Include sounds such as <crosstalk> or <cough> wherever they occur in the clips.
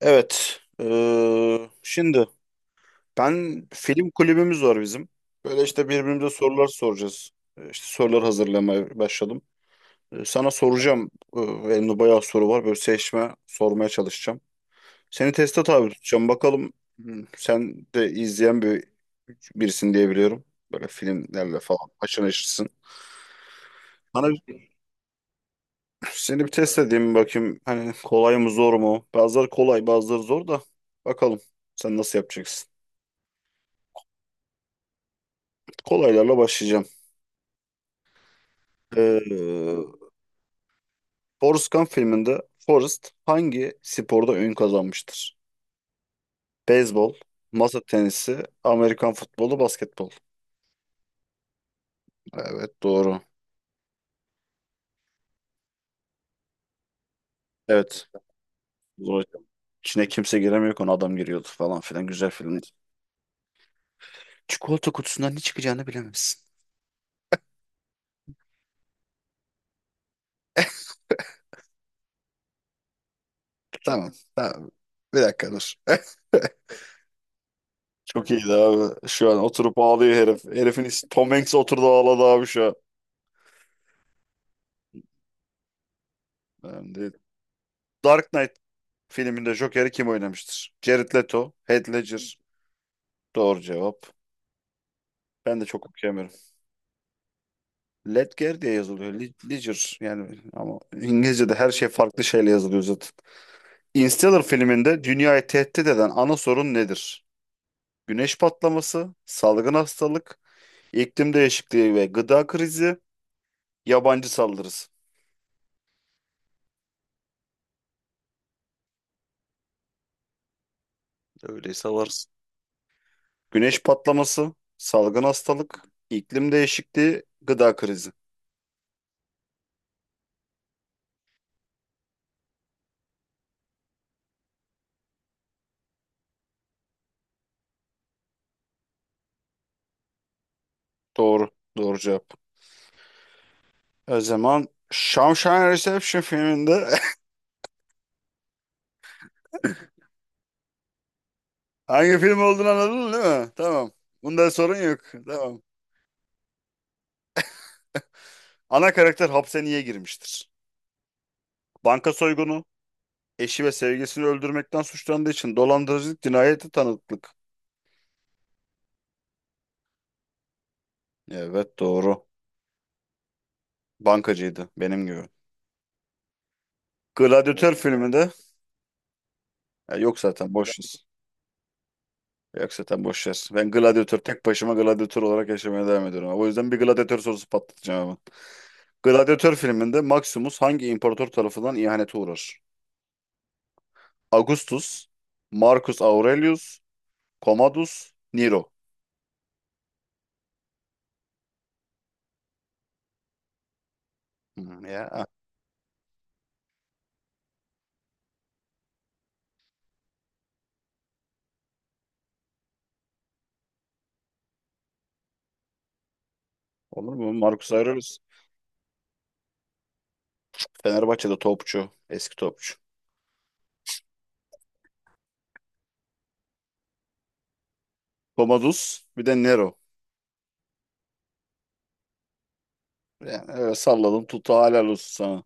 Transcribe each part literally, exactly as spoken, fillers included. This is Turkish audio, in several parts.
Evet. Ee, şimdi ben film kulübümüz var bizim. Böyle işte birbirimize sorular soracağız. Ee, İşte sorular hazırlamaya başladım. Ee, sana soracağım. Ee, elimde bayağı soru var. Böyle seçme sormaya çalışacağım. Seni teste tabi tutacağım. Bakalım, hmm, sen de izleyen bir birisin diye biliyorum. Böyle filmlerle falan haşır neşirsin. Bana bir- Seni bir test edeyim bakayım. Hani kolay mı zor mu? Bazıları kolay, bazıları zor da. Bakalım sen nasıl yapacaksın? Kolaylarla başlayacağım. Ee, Forrest Gump filminde Forrest hangi sporda ün kazanmıştır? Beyzbol, masa tenisi, Amerikan futbolu, basketbol. Evet, doğru. Evet. Zor. İçine kimse giremiyor konu adam giriyordu falan filan, güzel filmdi. Çikolata kutusundan ne çıkacağını bilemezsin. Tamam. Tamam. Bir dakika dur. <laughs> Çok iyiydi abi. Şu an oturup ağlıyor herif. Herifin is- Tom Hanks oturdu ağladı abi şu an. Ben de- Dark Knight filminde Joker'i kim oynamıştır? Jared Leto, Heath Ledger. Doğru cevap. Ben de çok okuyamıyorum. Ledger diye yazılıyor. Le- Ledger yani, ama İngilizce'de her şey farklı şeyle yazılıyor zaten. Interstellar filminde dünyayı tehdit eden ana sorun nedir? Güneş patlaması, salgın hastalık, iklim değişikliği ve gıda krizi, yabancı saldırısı. Öyleyse varız. Güneş patlaması, salgın hastalık, iklim değişikliği, gıda krizi. Doğru. Doğru cevap. O zaman Shawshank Reception filminde <laughs> hangi film olduğunu anladın değil mi? Tamam. Bunda sorun yok. Tamam. Ana karakter hapse niye girmiştir? Banka soygunu, eşi ve sevgilisini öldürmekten suçlandığı için, dolandırıcılık, cinayeti tanıklık. Evet, doğru. Bankacıydı benim gibi. Gladyatör filminde ya yok zaten boşuz. Ver. Yok zaten boş ver. Ben gladyatör, tek başıma gladyatör olarak yaşamaya devam ediyorum. O yüzden bir gladyatör sorusu patlatacağım hemen. Gladyatör filminde Maximus hangi imparator tarafından ihanete uğrar? Augustus, Marcus Aurelius, Commodus, Nero. Hmm, ya olur mu? Marcus Aurelius Fenerbahçe'de topçu, eski topçu. Commodus, bir de Nero. Yani öyle salladım tuttu, helal olsun sana.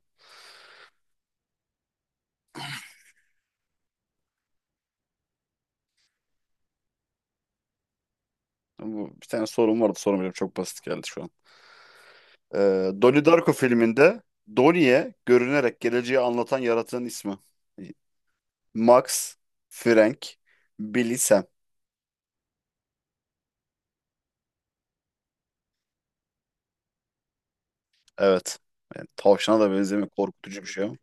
Bu, bir tane sorum vardı, sorum çok basit geldi şu an. Ee, Donnie Darko filminde Donnie'ye görünerek geleceği anlatan yaratığın ismi. Max, Frank, Billy, Sam. Evet. Yani tavşana da benzemiyor. Korkutucu bir şey ama.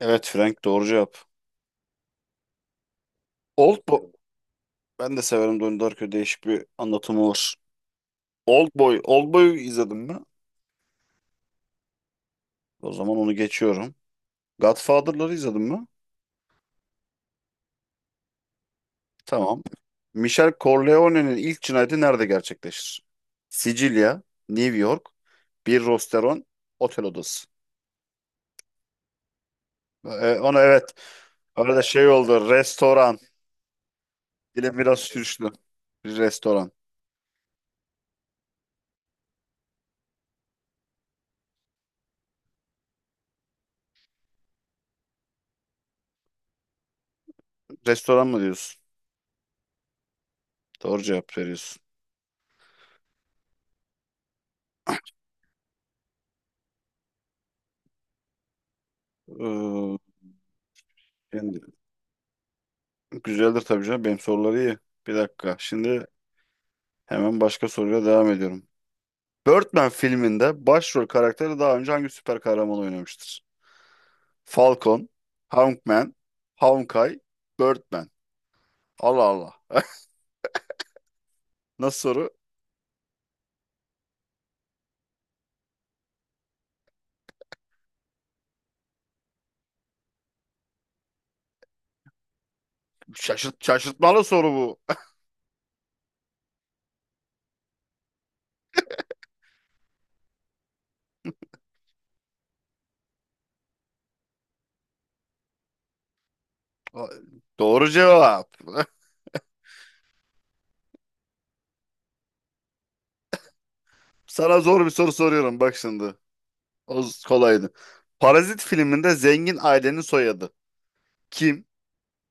Evet, Frank doğru cevap. Old, Ben de severim Donnie Darko. Değişik bir anlatımı var. Oldboy. Oldboy'u izledim mi? O zaman onu geçiyorum. Godfather'ları izledim mi? Tamam. Michel Corleone'nin ilk cinayeti nerede gerçekleşir? Sicilya, New York, bir restoran, otel odası. E, onu evet. Arada şey oldu. Restoran. Dilim biraz sürçtü. Bir restoran. Restoran mı diyorsun? Doğru cevap veriyorsun. Ee, şimdi, güzeldir tabii canım. Benim soruları iyi. Bir dakika. Şimdi hemen başka soruyla devam ediyorum. Birdman filminde başrol karakteri daha önce hangi süper kahraman oynamıştır? Falcon, Hawkman, Hawkeye, Birdman. Allah Allah. Nasıl soru? Şaşırt, şaşırtmalı soru bu. <laughs> Doğru cevap. <laughs> Sana zor bir soru soruyorum bak şimdi. O z- kolaydı. Parazit filminde zengin ailenin soyadı. Kim?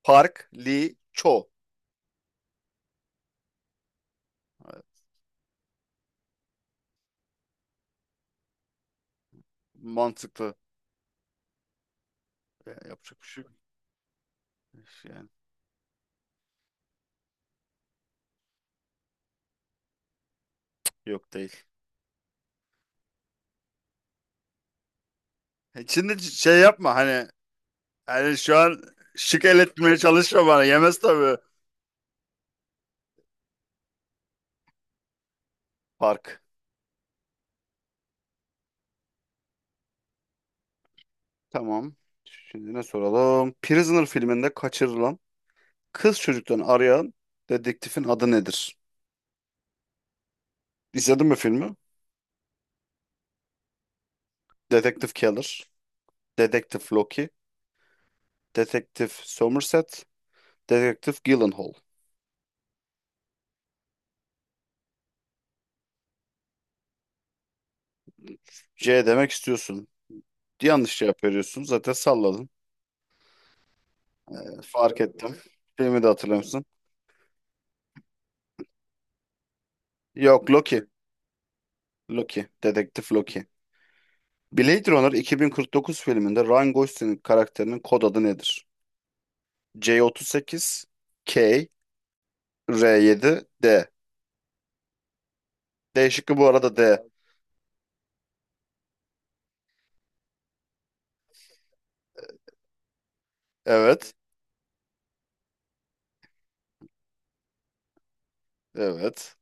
Park, Lee, Cho. Evet, mantıklı. Yani yapacak bir şey yok. Yani yok değil. E, Şimdi şey yapma hani, yani şu an şık el eletmeye çalışma bana. Yemez tabii. Park. Tamam. Şimdi ne soralım? Prisoner filminde kaçırılan kız çocuktan arayan dedektifin adı nedir? İzledin mi filmi? Dedektif Keller, Dedektif Loki, Dedektif Somerset, Dedektif Gyllenhaal. C demek istiyorsun. Yanlış cevap veriyorsun. Zaten salladın. Fark ettim. Filmi de hatırlıyor musun? Yok, Loki. Loki. Dedektif Loki. Blade Runner iki bin kırk dokuz filminde Ryan Gosling'in karakterinin kod adı nedir? C otuz sekiz, K, R yedi, D. D şıkkı bu arada D. Evet, evet.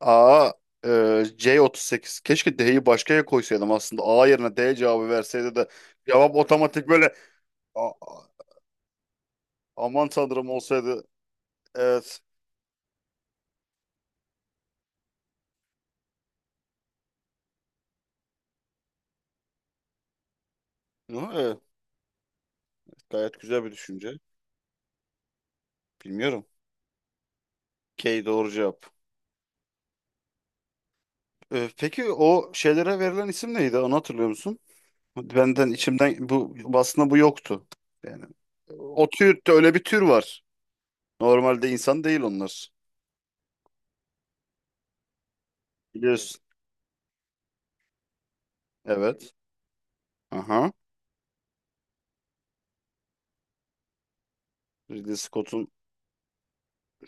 A, e, C otuz sekiz. Keşke D'yi başkaya koysaydım aslında. A yerine D cevabı verseydi de cevap otomatik böyle "A- a- aman tanrım" olsaydı. Evet. Ne? Evet, gayet güzel bir düşünce. Bilmiyorum. K doğru cevap. E, peki o şeylere verilen isim neydi? Onu hatırlıyor musun? Benden içimden bu aslında bu yoktu. Yani o tür, öyle bir tür var. Normalde insan değil onlar. Biliyorsun. Evet. Aha. Ridley Scott'un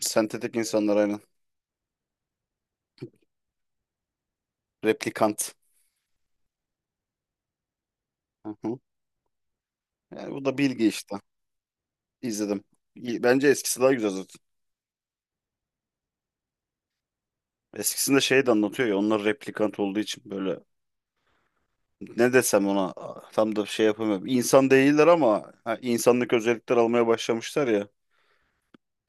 sentetik insanlar aynen. Replikant. Aha. Yani bu da bilgi işte. İzledim. İyi- Bence eskisi daha güzel zaten. Eskisinde şey de anlatıyor ya, onlar replikant olduğu için böyle ne desem ona, tam da şey yapamıyorum. İnsan değiller ama ha, insanlık özellikler almaya başlamışlar ya.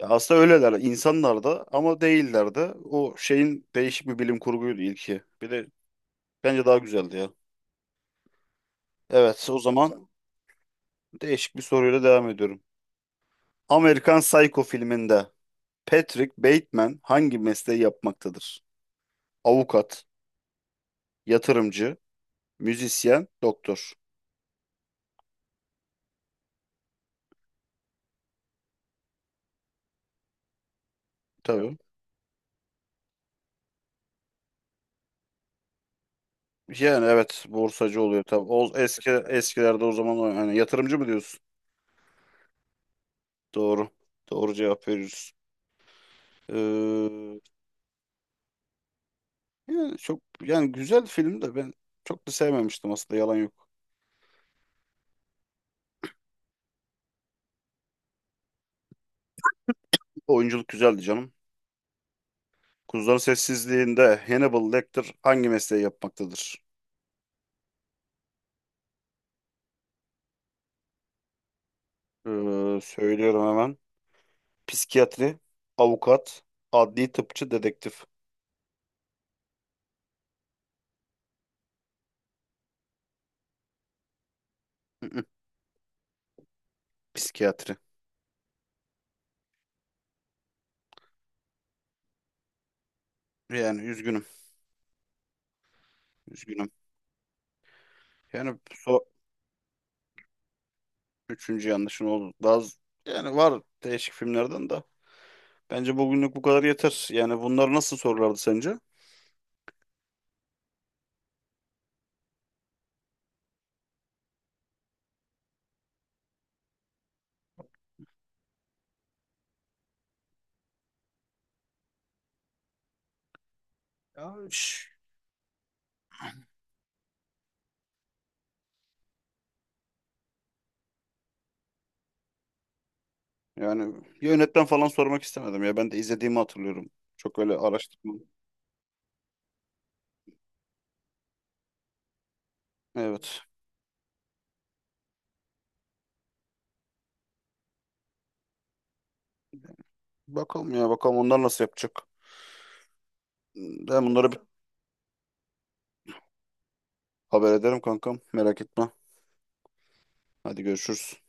Ya aslında öyleler, insanlar da ama değiller de. O şeyin değişik bir bilim kurguydu ilki. Bir de bence daha güzeldi ya. Evet, o zaman değişik bir soruyla devam ediyorum. Amerikan Psycho filminde Patrick Bateman hangi mesleği yapmaktadır? Avukat, yatırımcı, müzisyen, doktor. Tabii. Yani evet, borsacı oluyor tabii. O eski eskilerde o zaman o- yani yatırımcı mı diyorsun? Doğru. Doğru cevap veriyoruz. Yani çok yani güzel film de ben çok da sevmemiştim aslında, yalan yok. Oyunculuk güzeldi canım. Kuzuların Sessizliği'nde Hannibal Lecter hangi mesleği yapmaktadır? Ee, söylüyorum hemen. Psikiyatri, avukat, adli tıpçı, dedektif. Hı hı, psikiyatri. Yani üzgünüm, üzgünüm. Yani so Üçüncü yanlışın oldu. Daha z- yani var değişik filmlerden de. Bence bugünlük bu kadar yeter. Yani bunlar nasıl sorulardı sence? Yani yönetmen falan sormak istemedim ya. Ben de izlediğimi hatırlıyorum. Çok öyle araştırma. Evet. Bakalım ya, bakalım onlar nasıl yapacak. Ben bunlara bir haber ederim kankam. Merak etme. Hadi görüşürüz.